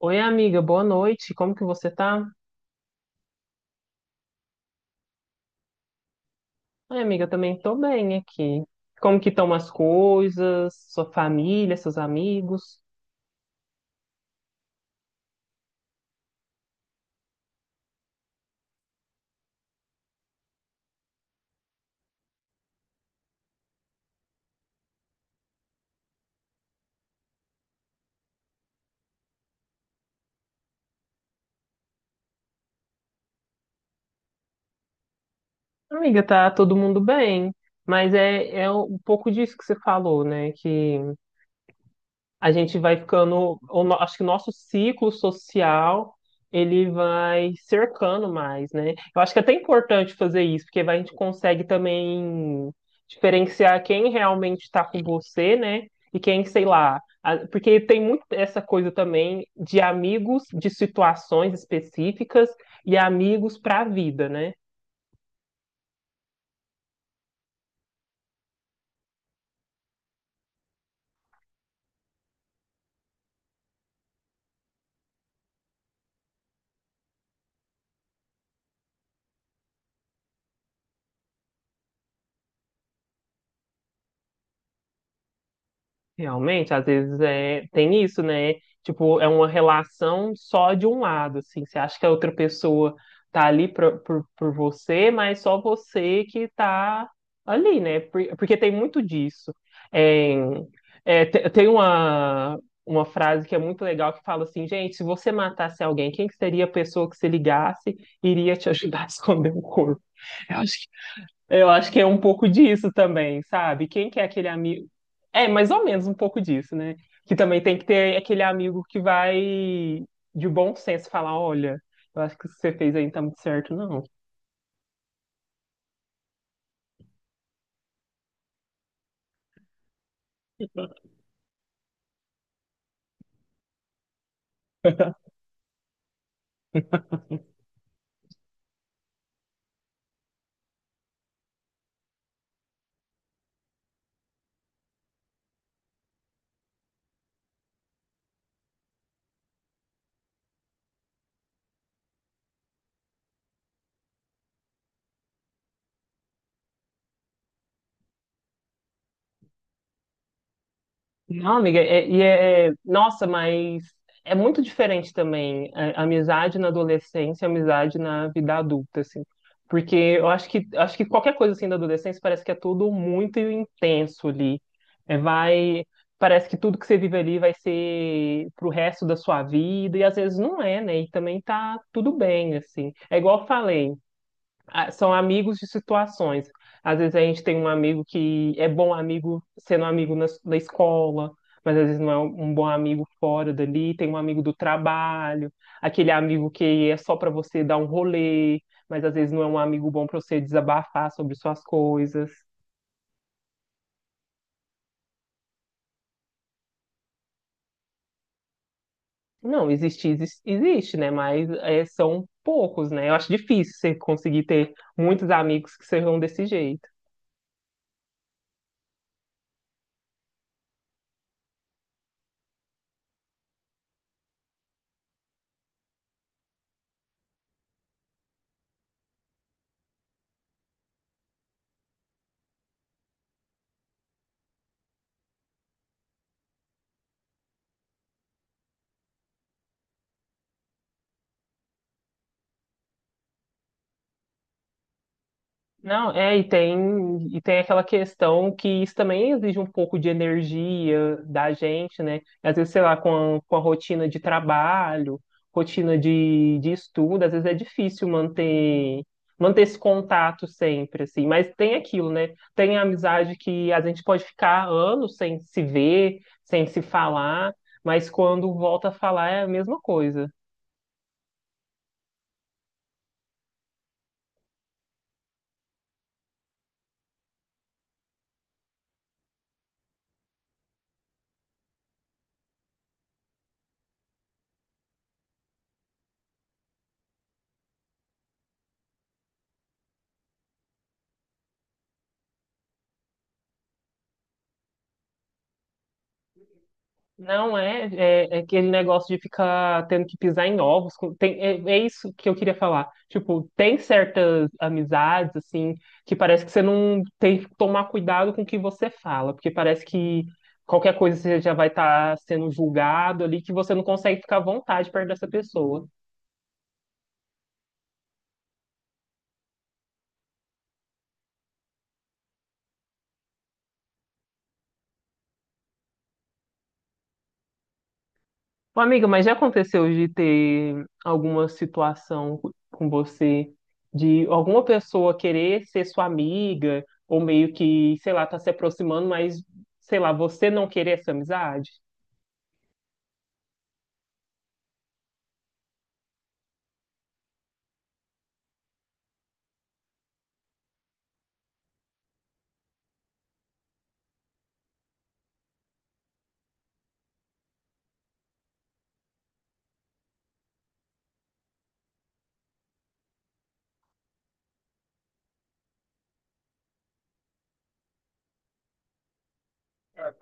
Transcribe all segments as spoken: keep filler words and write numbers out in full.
Oi, amiga, boa noite. Como que você tá? Oi, amiga, eu também tô bem aqui. Como que estão as coisas, sua família, seus amigos? Amiga, tá todo mundo bem, mas é, é um pouco disso que você falou, né? Que a gente vai ficando, o no- acho que o nosso ciclo social ele vai cercando mais, né? Eu acho que é até importante fazer isso, porque vai- a gente consegue também diferenciar quem realmente está com você, né? E quem, sei lá, a- porque tem muito essa coisa também de amigos de situações específicas e amigos para a vida, né? Realmente, às vezes é, tem isso, né? Tipo, é uma relação só de um lado, assim. Você acha que a outra pessoa tá ali por, por, por você, mas só você que tá ali, né? Por- Porque tem muito disso. É, é, te- tem uma, uma frase que é muito legal que fala assim, gente, se você matasse alguém, quem que seria a pessoa que se ligasse e iria te ajudar a esconder o corpo? Eu acho eu acho que é um pouco disso também, sabe? Quem que é aquele amigo? É, mais ou menos um pouco disso, né? Que também tem que ter aquele amigo que vai de bom senso falar, olha, eu acho que isso que você fez aí não tá muito certo, não. Não, amiga, é- e é, é- nossa, mas é muito diferente também a- a amizade na adolescência, e a amizade na vida adulta, assim. Porque eu acho que acho que qualquer coisa assim da adolescência parece que é tudo muito intenso ali. É, vai, parece que tudo que você vive ali vai ser pro resto da sua vida, e às vezes não é, né? E também tá tudo bem, assim. É igual eu falei, a- são amigos de situações. Às vezes a gente tem um amigo que é bom amigo sendo amigo na, na escola, mas às vezes não é um um bom amigo fora dali. Tem um amigo do trabalho, aquele amigo que é só para você dar um rolê, mas às vezes não é um amigo bom para você desabafar sobre suas coisas. Não, existe, existe, existe, né? Mas é, são poucos, né? Eu acho difícil você conseguir ter muitos amigos que sejam desse jeito. Não, é, e tem, e tem aquela questão que isso também exige um pouco de energia da gente, né? Às vezes, sei lá, com a, com a rotina de trabalho, rotina de, de estudo, às vezes é difícil manter, manter esse contato sempre, assim. Mas tem aquilo, né? Tem a amizade que a gente pode ficar anos sem se ver, sem se falar, mas quando volta a falar é a mesma coisa. Não é, é, é aquele negócio de ficar tendo que pisar em ovos. com- Tem, é, é isso que eu queria falar. Tipo, tem certas amizades, assim, que parece que você não tem que tomar cuidado com o que você fala, porque parece que qualquer coisa você já vai estar sendo julgado ali, que você não consegue ficar à vontade perto dessa pessoa. Ô, amiga, mas já aconteceu de ter alguma situação com você, de alguma pessoa querer ser sua amiga, ou meio que, sei lá, tá se aproximando, mas, sei lá, você não querer essa amizade?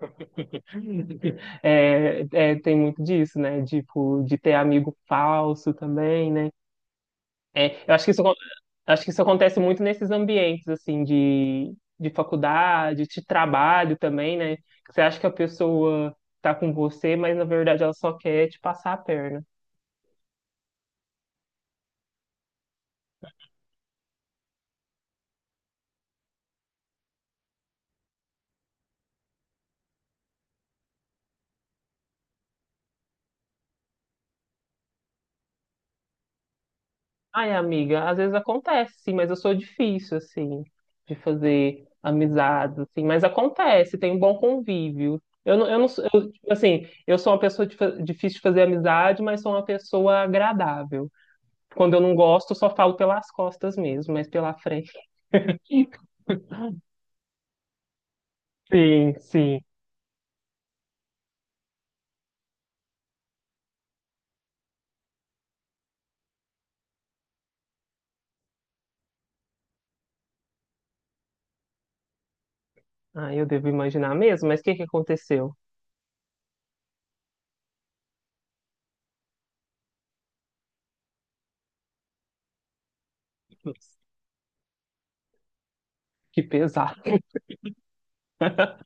É, é, tem muito disso, né? Tipo, de ter amigo falso também, né? É, eu acho que isso Acho que isso acontece muito nesses ambientes, assim, de, de faculdade, de trabalho também, né? Você acha que a pessoa tá com você, mas na verdade ela só quer te passar a perna. Ai, amiga, às vezes acontece, sim, mas eu sou difícil, assim, de fazer amizades, assim, mas acontece, tem um bom convívio. Eu não, eu não, sou- eu, tipo assim, eu sou uma pessoa de fa- difícil de fazer amizade, mas sou uma pessoa agradável. Quando eu não gosto, eu só falo pelas costas mesmo, mas pela frente. Sim, sim. Ah, eu devo imaginar mesmo, mas o que que aconteceu? Que pesado.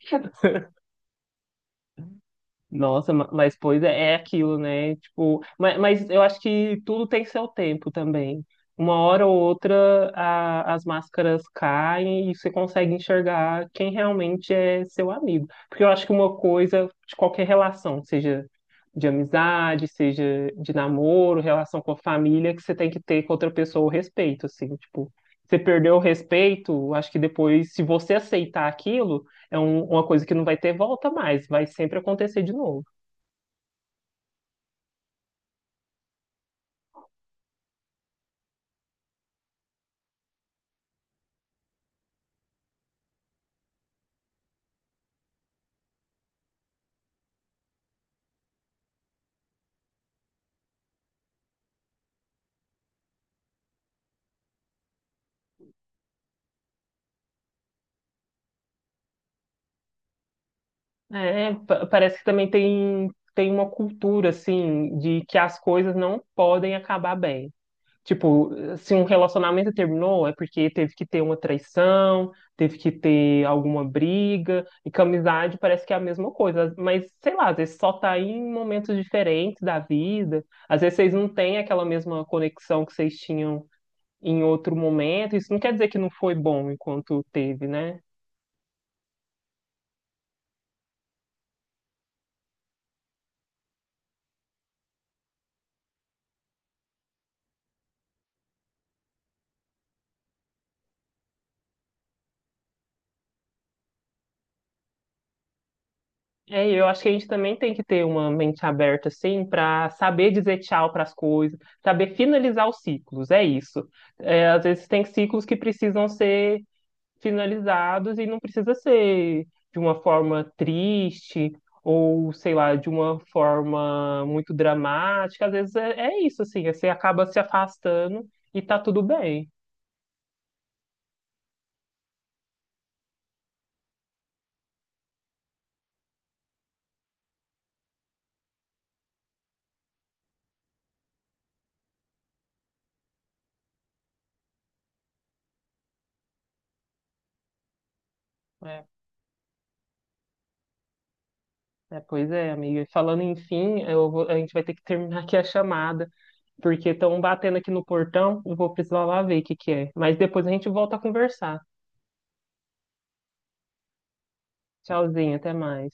Nossa, ma- mas pois é, é aquilo, né? Tipo, mas, mas eu acho que tudo tem seu tempo também. Uma hora ou outra a- as máscaras caem e você consegue enxergar quem realmente é seu amigo. Porque eu acho que uma coisa de qualquer relação, seja de amizade, seja de namoro, relação com a família, que você tem que ter com outra pessoa o respeito, assim, tipo, você perdeu o respeito, acho que depois, se você aceitar aquilo é um- uma coisa que não vai ter volta mais, vai sempre acontecer de novo. É, pa- parece que também tem, tem uma cultura, assim, de que as coisas não podem acabar bem. Tipo, se um relacionamento terminou, é porque teve que ter uma traição, teve que ter alguma briga, e com amizade parece que é a mesma coisa. Mas, sei lá, às vezes só tá em momentos diferentes da vida, às vezes vocês não têm aquela mesma conexão que vocês tinham em outro momento. Isso não quer dizer que não foi bom enquanto teve, né? É, eu acho que a gente também tem que ter uma mente aberta, assim, para saber dizer tchau para as coisas, saber finalizar os ciclos, é isso. É, às vezes tem ciclos que precisam ser finalizados e não precisa ser de uma forma triste ou, sei lá, de uma forma muito dramática. Às vezes é, é isso, assim, você acaba se afastando e tá tudo bem. É, é, pois é, amiga. Falando enfim, eu vou- a gente vai ter que terminar aqui a chamada. Porque estão batendo aqui no portão. Eu vou precisar lá ver o que que é. Mas depois a gente volta a conversar. Tchauzinho, até mais.